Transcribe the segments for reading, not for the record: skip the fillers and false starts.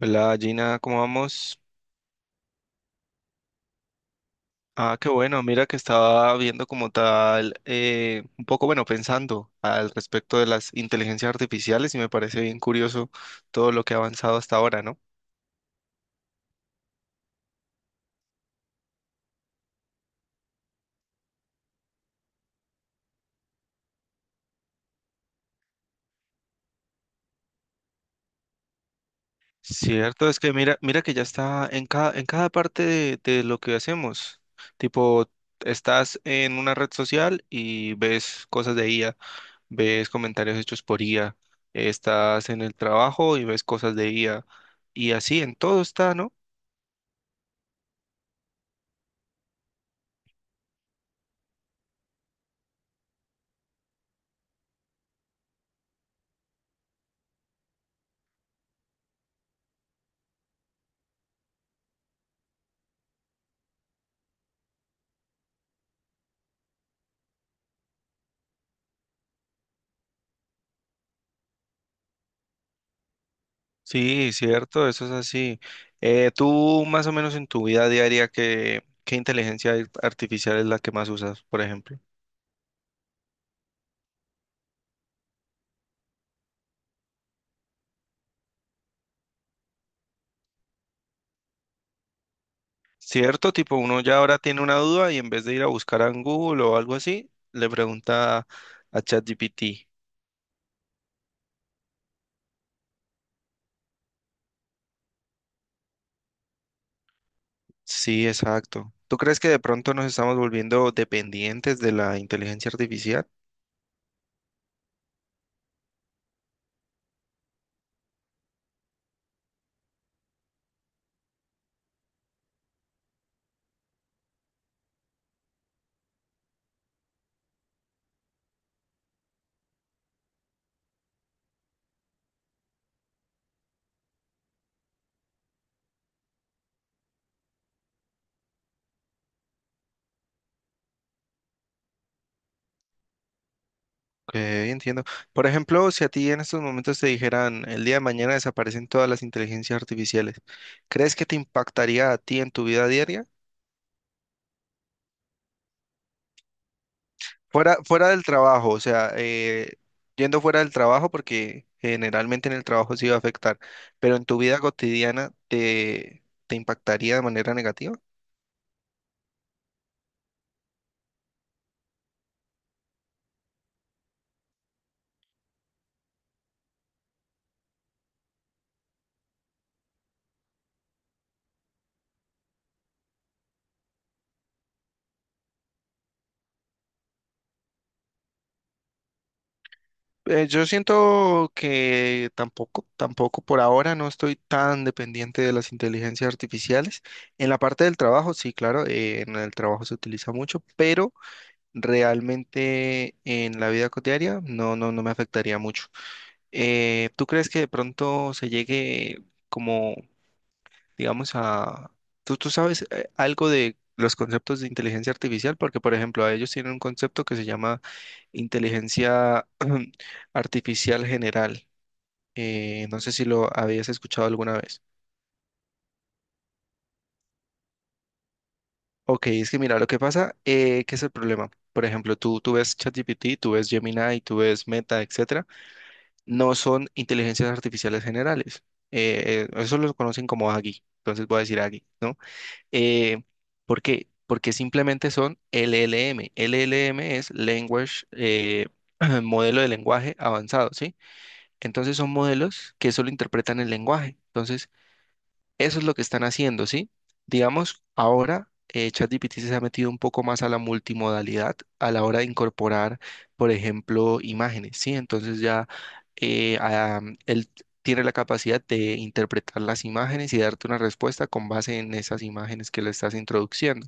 Hola Gina, ¿cómo vamos? Ah, qué bueno, mira que estaba viendo como tal, un poco bueno, pensando al respecto de las inteligencias artificiales y me parece bien curioso todo lo que ha avanzado hasta ahora, ¿no? Cierto, es que mira, mira que ya está en cada parte de lo que hacemos. Tipo, estás en una red social y ves cosas de IA, ves comentarios hechos por IA, estás en el trabajo y ves cosas de IA. Y así en todo está, ¿no? Sí, cierto, eso es así. Tú más o menos en tu vida diaria, ¿qué artificial es la que más usas, por ejemplo? Cierto, tipo uno ya ahora tiene una duda y en vez de ir a buscar a Google o algo así, le pregunta a ChatGPT. Sí, exacto. ¿Tú crees que de pronto nos estamos volviendo dependientes de la inteligencia artificial? Ok, entiendo. Por ejemplo, si a ti en estos momentos te dijeran, el día de mañana desaparecen todas las inteligencias artificiales, ¿crees que te impactaría a ti en tu vida diaria? Fuera, fuera del trabajo, o sea, yendo fuera del trabajo, porque generalmente en el trabajo sí va a afectar, pero en tu vida cotidiana, ¿te impactaría de manera negativa? Yo siento que tampoco, tampoco por ahora no estoy tan dependiente de las inteligencias artificiales. En la parte del trabajo, sí, claro, en el trabajo se utiliza mucho, pero realmente en la vida cotidiana no, no, no me afectaría mucho. ¿Tú crees que de pronto se llegue como digamos, a... Tú sabes algo de los conceptos de inteligencia artificial, porque, por ejemplo, a ellos tienen un concepto que se llama inteligencia artificial general. No sé si lo habías escuchado alguna vez. Ok, es que mira, lo que pasa, ¿qué es el problema? Por ejemplo, tú ves ChatGPT, tú ves Gemini, tú ves Meta, etcétera, no son inteligencias artificiales generales. Eso lo conocen como AGI, entonces voy a decir AGI, ¿no? Eh, ¿Por qué? Porque simplemente son LLM. LLM es Language, modelo de lenguaje avanzado, ¿sí? Entonces son modelos que solo interpretan el lenguaje. Entonces, eso es lo que están haciendo, ¿sí? Digamos, ahora ChatGPT se ha metido un poco más a la multimodalidad a la hora de incorporar, por ejemplo, imágenes, ¿sí? Entonces ya eh, ah, él tiene la capacidad de interpretar las imágenes y darte una respuesta con base en esas imágenes que le estás introduciendo,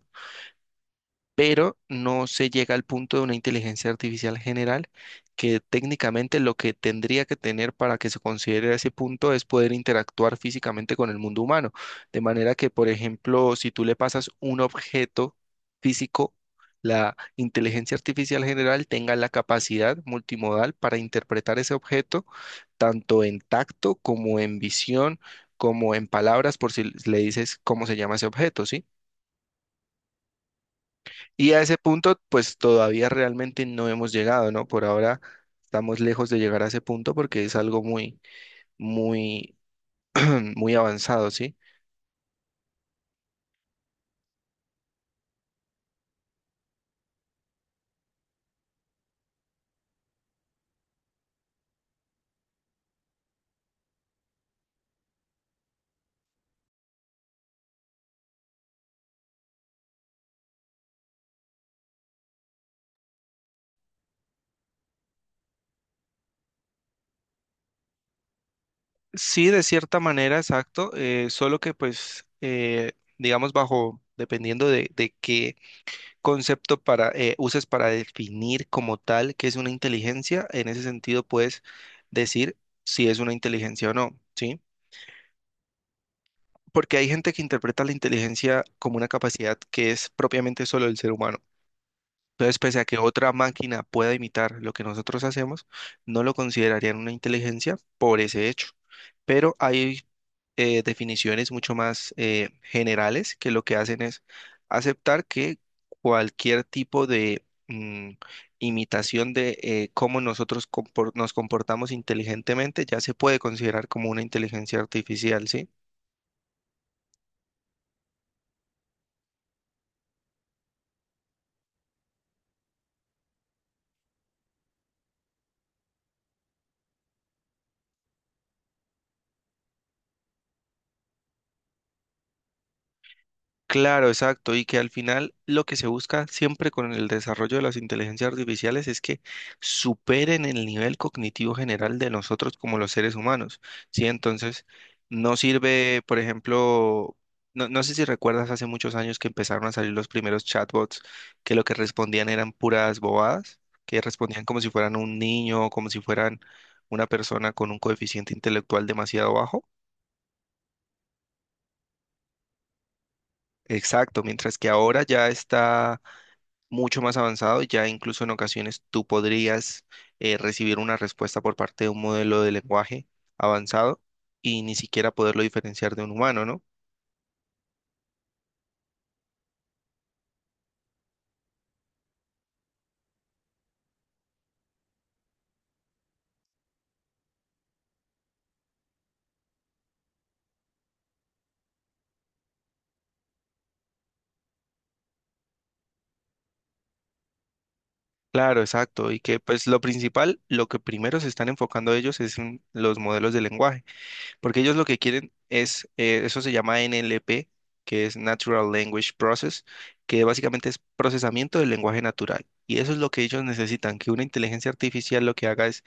pero no se llega al punto de una inteligencia artificial general que técnicamente lo que tendría que tener para que se considere ese punto es poder interactuar físicamente con el mundo humano. De manera que, por ejemplo, si tú le pasas un objeto físico, la inteligencia artificial general tenga la capacidad multimodal para interpretar ese objeto tanto en tacto como en visión, como en palabras, por si le dices cómo se llama ese objeto, ¿sí? Y a ese punto, pues todavía realmente no hemos llegado, ¿no? Por ahora estamos lejos de llegar a ese punto porque es algo muy, muy, muy avanzado, ¿sí? Sí, de cierta manera, exacto, solo que pues, digamos, bajo, dependiendo de qué concepto para, uses para definir como tal qué es una inteligencia, en ese sentido puedes decir si es una inteligencia o no, ¿sí? Porque hay gente que interpreta la inteligencia como una capacidad que es propiamente solo del ser humano. Entonces, pese a que otra máquina pueda imitar lo que nosotros hacemos, no lo considerarían una inteligencia por ese hecho. Pero hay definiciones mucho más generales que lo que hacen es aceptar que cualquier tipo de imitación de cómo nosotros nos comportamos inteligentemente ya se puede considerar como una inteligencia artificial, ¿sí? Claro, exacto, y que al final lo que se busca siempre con el desarrollo de las inteligencias artificiales es que superen el nivel cognitivo general de nosotros como los seres humanos, ¿sí? Entonces, no sirve, por ejemplo, no, no sé si recuerdas hace muchos años que empezaron a salir los primeros chatbots que lo que respondían eran puras bobadas, que respondían como si fueran un niño, como si fueran una persona con un coeficiente intelectual demasiado bajo. Exacto, mientras que ahora ya está mucho más avanzado, ya incluso en ocasiones tú podrías recibir una respuesta por parte de un modelo de lenguaje avanzado y ni siquiera poderlo diferenciar de un humano, ¿no? Claro, exacto. Y que pues lo principal, lo que primero se están enfocando ellos es en los modelos de lenguaje, porque ellos lo que quieren es, eso se llama NLP, que es Natural Language Process, que básicamente es procesamiento del lenguaje natural. Y eso es lo que ellos necesitan, que una inteligencia artificial lo que haga es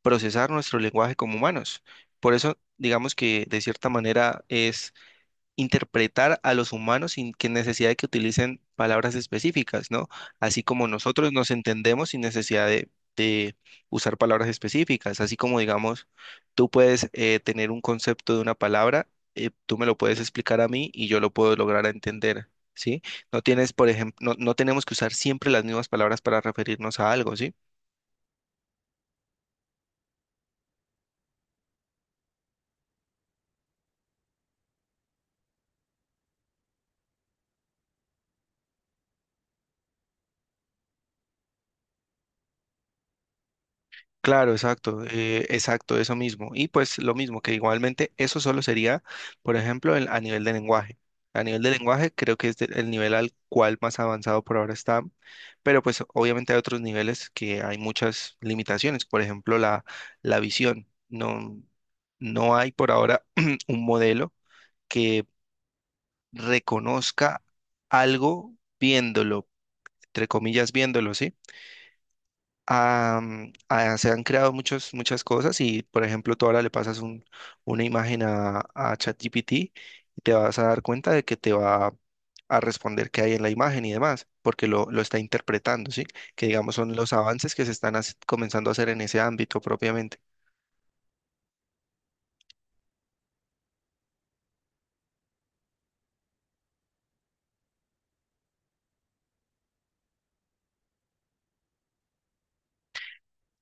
procesar nuestro lenguaje como humanos. Por eso, digamos que de cierta manera es interpretar a los humanos sin que necesidad de que utilicen palabras específicas, ¿no? Así como nosotros nos entendemos sin necesidad de usar palabras específicas, así como, digamos, tú puedes tener un concepto de una palabra, tú me lo puedes explicar a mí y yo lo puedo lograr entender. ¿Sí? No tienes, por ejemplo, no, no tenemos que usar siempre las mismas palabras para referirnos a algo, ¿sí? Claro, exacto, exacto, eso mismo. Y pues lo mismo, que igualmente eso solo sería, por ejemplo, a nivel de lenguaje. A nivel de lenguaje creo que es el nivel al cual más avanzado por ahora está, pero pues obviamente hay otros niveles que hay muchas limitaciones, por ejemplo, la visión. No, no hay por ahora un modelo que reconozca algo viéndolo, entre comillas, viéndolo, ¿sí? Se han creado muchos, muchas cosas y, por ejemplo, tú ahora le pasas una imagen a ChatGPT y te vas a dar cuenta de que te va a responder qué hay en la imagen y demás, porque lo está interpretando, ¿sí? Que digamos son los avances que se están comenzando a hacer en ese ámbito propiamente.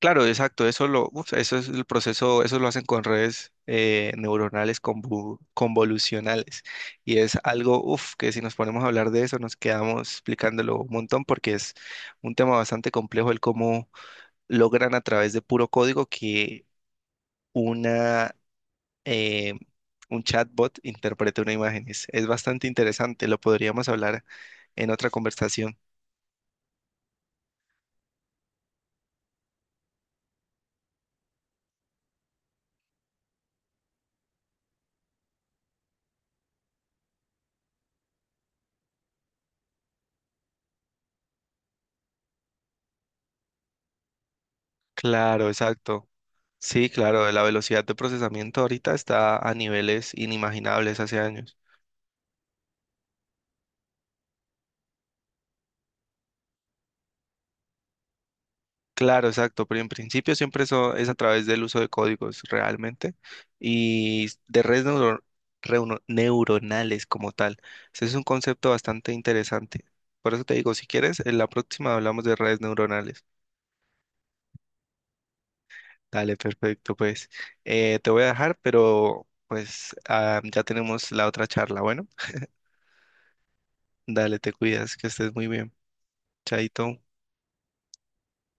Claro, exacto, eso lo, uf, eso es el proceso, eso lo hacen con redes neuronales convolucionales y es algo, uf, que si nos ponemos a hablar de eso nos quedamos explicándolo un montón porque es un tema bastante complejo el cómo logran a través de puro código que una eh, un chatbot interprete una imagen. Es bastante interesante, lo podríamos hablar en otra conversación. Claro, exacto. Sí, claro, la velocidad de procesamiento ahorita está a niveles inimaginables hace años. Claro, exacto, pero en principio siempre eso es a través del uso de códigos realmente y de neuronales como tal. Ese es un concepto bastante interesante. Por eso te digo, si quieres, en la próxima hablamos de redes neuronales. Dale, perfecto, pues te voy a dejar, pero pues ya tenemos la otra charla. Bueno, dale, te cuidas, que estés muy bien. Chaito.